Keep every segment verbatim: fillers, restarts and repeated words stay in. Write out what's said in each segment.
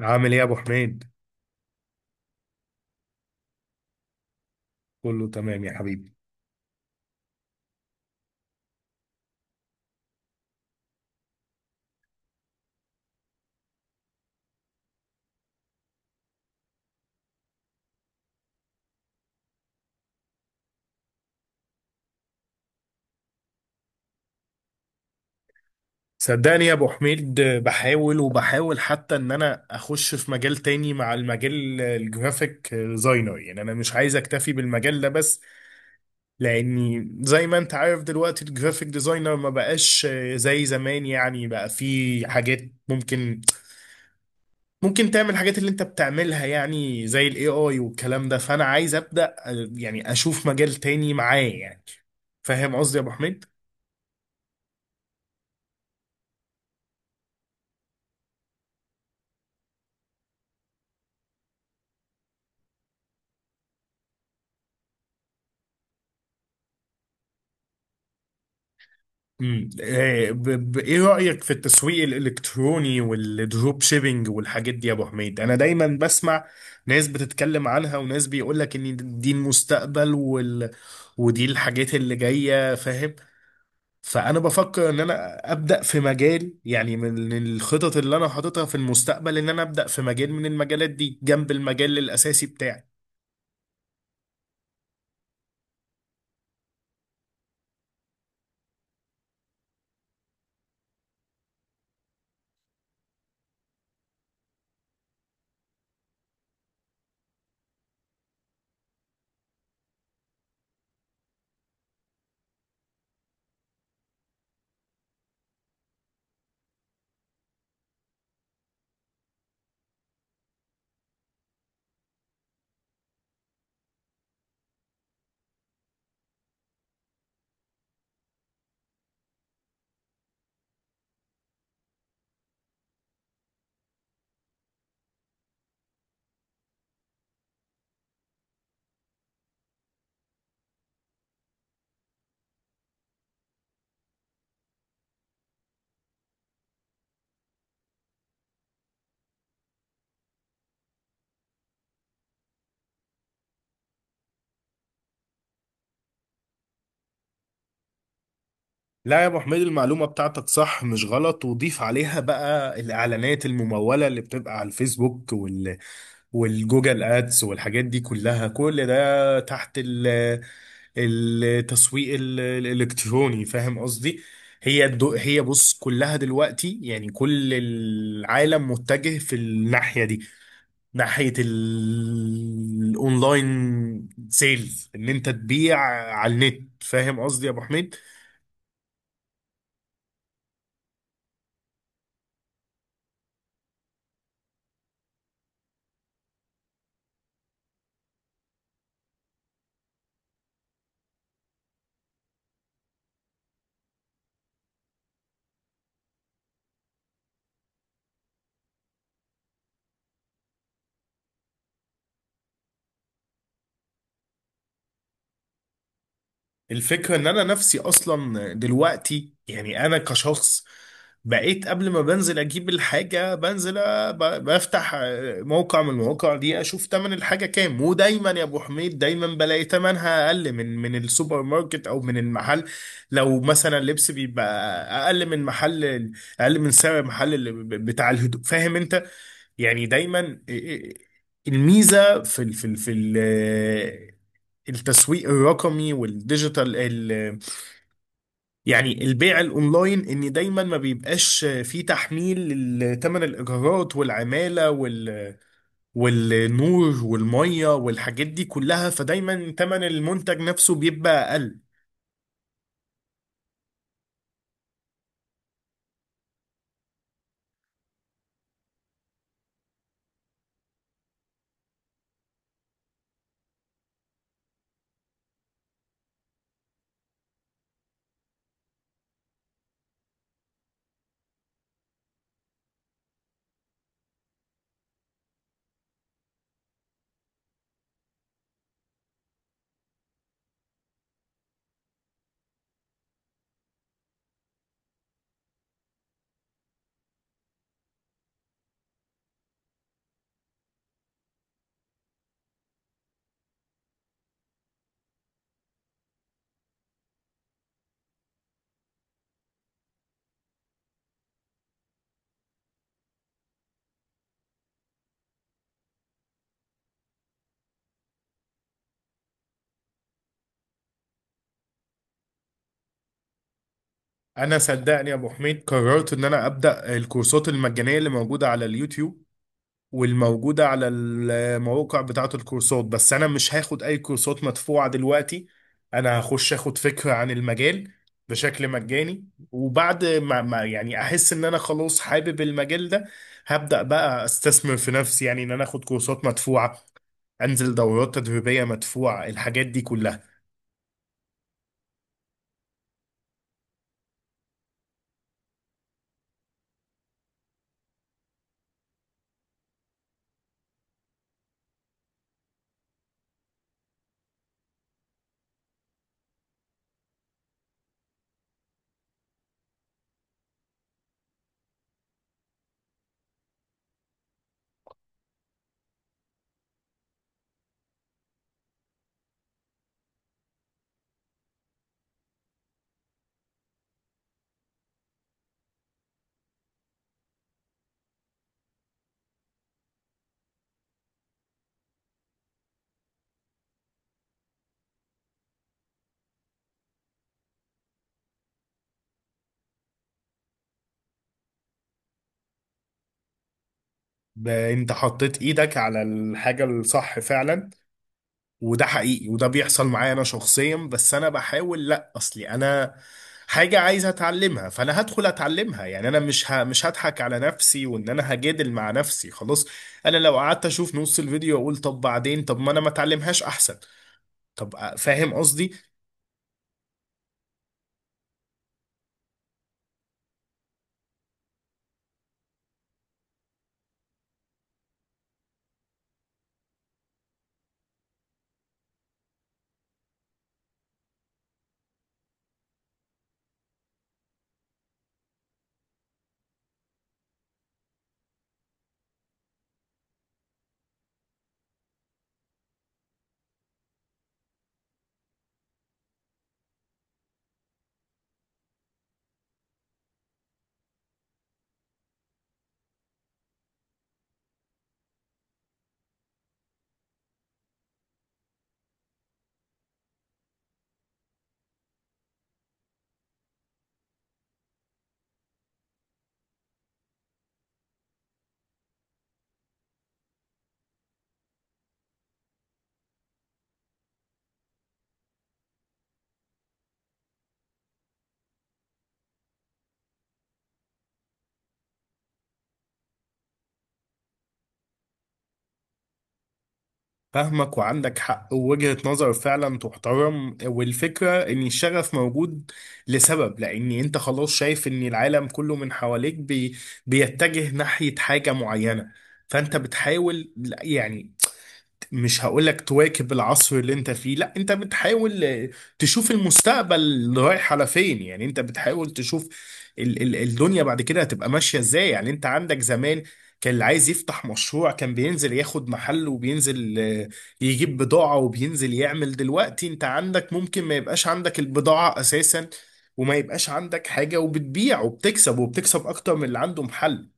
عامل ايه يا ابو حميد؟ كله تمام يا حبيبي. صدقني يا ابو حميد، بحاول وبحاول حتى ان انا اخش في مجال تاني مع المجال الجرافيك ديزاينر. يعني انا مش عايز اكتفي بالمجال ده بس، لاني زي ما انت عارف دلوقتي الجرافيك ديزاينر ما بقاش زي زمان. يعني بقى في حاجات ممكن ممكن تعمل الحاجات اللي انت بتعملها، يعني زي الاي اي والكلام ده. فانا عايز ابدا يعني اشوف مجال تاني معاه، يعني فاهم قصدي يا ابو حميد؟ مم. آه، ب- ب- ايه رأيك في التسويق الالكتروني والدروب شيبينج والحاجات دي يا ابو حميد؟ انا دايما بسمع ناس بتتكلم عنها، وناس بيقول لك ان دي المستقبل وال... ودي الحاجات اللي جاية، فاهم؟ فانا بفكر ان انا ابدأ في مجال، يعني من الخطط اللي انا حاططها في المستقبل ان انا ابدأ في مجال من المجالات دي جنب المجال الاساسي بتاعي. لا يا ابو حميد، المعلومه بتاعتك صح مش غلط، وضيف عليها بقى الاعلانات المموله اللي بتبقى على الفيسبوك وال والجوجل ادز والحاجات دي كلها، كل ده تحت ال التسويق ال- الالكتروني، فاهم قصدي؟ هي الدو هي بص، كلها دلوقتي يعني كل العالم متجه في الناحيه دي، ناحيه ال- الاونلاين سيلز، ان انت تبيع على النت، فاهم قصدي يا ابو حميد؟ الفكرة ان انا نفسي اصلا دلوقتي، يعني انا كشخص بقيت قبل ما بنزل اجيب الحاجة بنزل أ- ب- بفتح آه، موقع من المواقع دي، اشوف تمن الحاجة كام، ودايما يا ابو حميد دايما بلاقي تمنها اقل من من السوبر ماركت او من المحل. لو مثلا اللبس، بيبقى اقل من محل ال- اقل من سعر محل اللي ب- بتاع الهدوء، فاهم انت؟ يعني دايما إيه- إيه- الميزه في ال في ال في ال التسويق الرقمي والديجيتال ال- يعني البيع الاونلاين، ان دايما ما بيبقاش فيه تحميل لثمن الايجارات والعماله وال والنور والميه والحاجات دي كلها، فدايما ثمن المنتج نفسه بيبقى اقل. انا صدقني يا ابو حميد قررت ان انا ابدا الكورسات المجانيه اللي موجوده على اليوتيوب والموجودة على المواقع بتاعة الكورسات، بس أنا مش هاخد أي كورسات مدفوعة دلوقتي. أنا هخش أخد فكرة عن المجال بشكل مجاني، وبعد ما ما- يعني أحس إن أنا خلاص حابب المجال ده، هبدأ بقى أستثمر في نفسي، يعني إن أنا أخد كورسات مدفوعة، أنزل دورات تدريبية مدفوعة، الحاجات دي كلها. ب- أنت حطيت إيدك على الحاجة الصح فعلا، وده حقيقي وده بيحصل معايا انا شخصيا. بس انا بحاول، لا اصلي انا حاجة عايز اتعلمها، فانا هدخل اتعلمها. يعني انا مش ه... مش هضحك على نفسي وان انا هجادل مع نفسي خلاص. انا لو قعدت اشوف نص الفيديو اقول طب بعدين، طب ما انا ما اتعلمهاش احسن. طب أ- فاهم قصدي؟ فاهمك وعندك حق ووجهة نظر فعلا تحترم. والفكرة ان الشغف موجود لسبب، لان انت خلاص شايف ان العالم كله من حواليك بي بيتجه ناحية حاجة معينة، فانت بتحاول، يعني مش هقولك تواكب العصر اللي انت فيه، لا انت بتحاول آه، تشوف المستقبل رايح على فين. يعني انت بتحاول تشوف ال ال الدنيا بعد كده هتبقى ماشية ازاي. يعني انت عندك زمان كان اللي عايز يفتح مشروع كان بينزل ياخد محل، وبينزل آه، يجيب بضاعة، وبينزل يعمل. دلوقتي انت عندك ممكن ما يبقاش عندك البضاعة اساسا، وما يبقاش عندك حاجة، وبتبيع وبتكسب، وبتكسب اكتر من اللي عنده محل.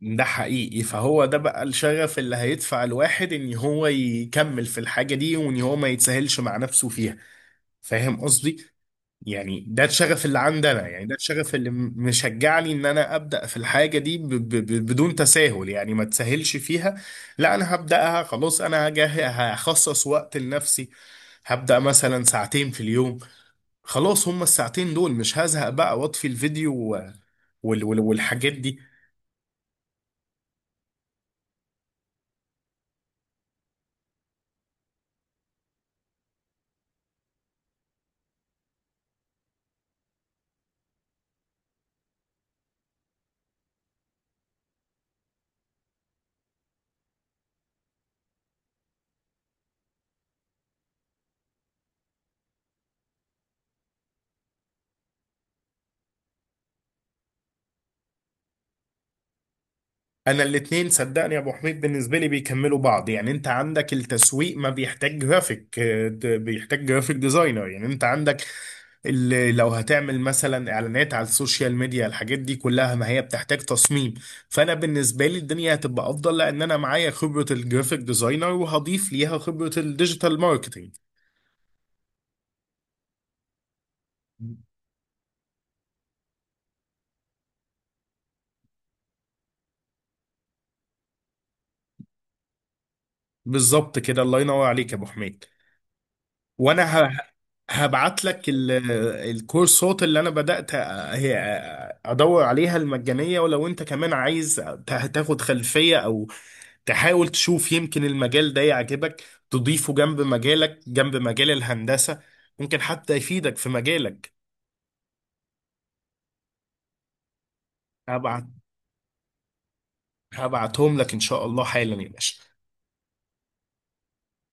ده حقيقي، فهو ده بقى الشغف اللي هيدفع الواحد ان هو يكمل في الحاجة دي، وان هو ما يتساهلش مع نفسه فيها، فاهم قصدي؟ يعني ده الشغف اللي عندنا، يعني ده الشغف اللي م- مشجعني ان انا ابدأ في الحاجة دي ب ب ب بدون تساهل، يعني ما تساهلش فيها. لا انا هبدأها خلاص، انا هجه- هخصص وقت لنفسي، هبدأ مثلا ساعتين في اليوم. خلاص هما الساعتين دول مش هزهق بقى واطفي الفيديو و- وال- وال- والحاجات دي. انا الاتنين صدقني يا ابو حميد بالنسبه لي بيكملوا بعض. يعني انت عندك التسويق ما بيحتاج جرافيك، آه، د- بيحتاج جرافيك ديزاينر. يعني انت عندك اللي لو هتعمل مثلا اعلانات على السوشيال ميديا، الحاجات دي كلها ما هي بتحتاج تصميم. فانا بالنسبه لي الدنيا هتبقى افضل، لان انا معايا خبره الجرافيك ديزاينر وهضيف ليها خبره الديجيتال ماركتينج. بالظبط كده، الله ينور عليك يا ابو حميد. وانا ه- هبعت لك ال- الكورسات اللي انا بدأت أ- هي ادور عليها، المجانية. ولو انت كمان عايز ت- تاخد خلفية او تحاول تشوف، يمكن المجال ده يعجبك تضيفه جنب مجالك، جنب مجال الهندسة، ممكن حتى يفيدك في مجالك. هبعت هبعتهم لك ان شاء الله حالا يا باشا.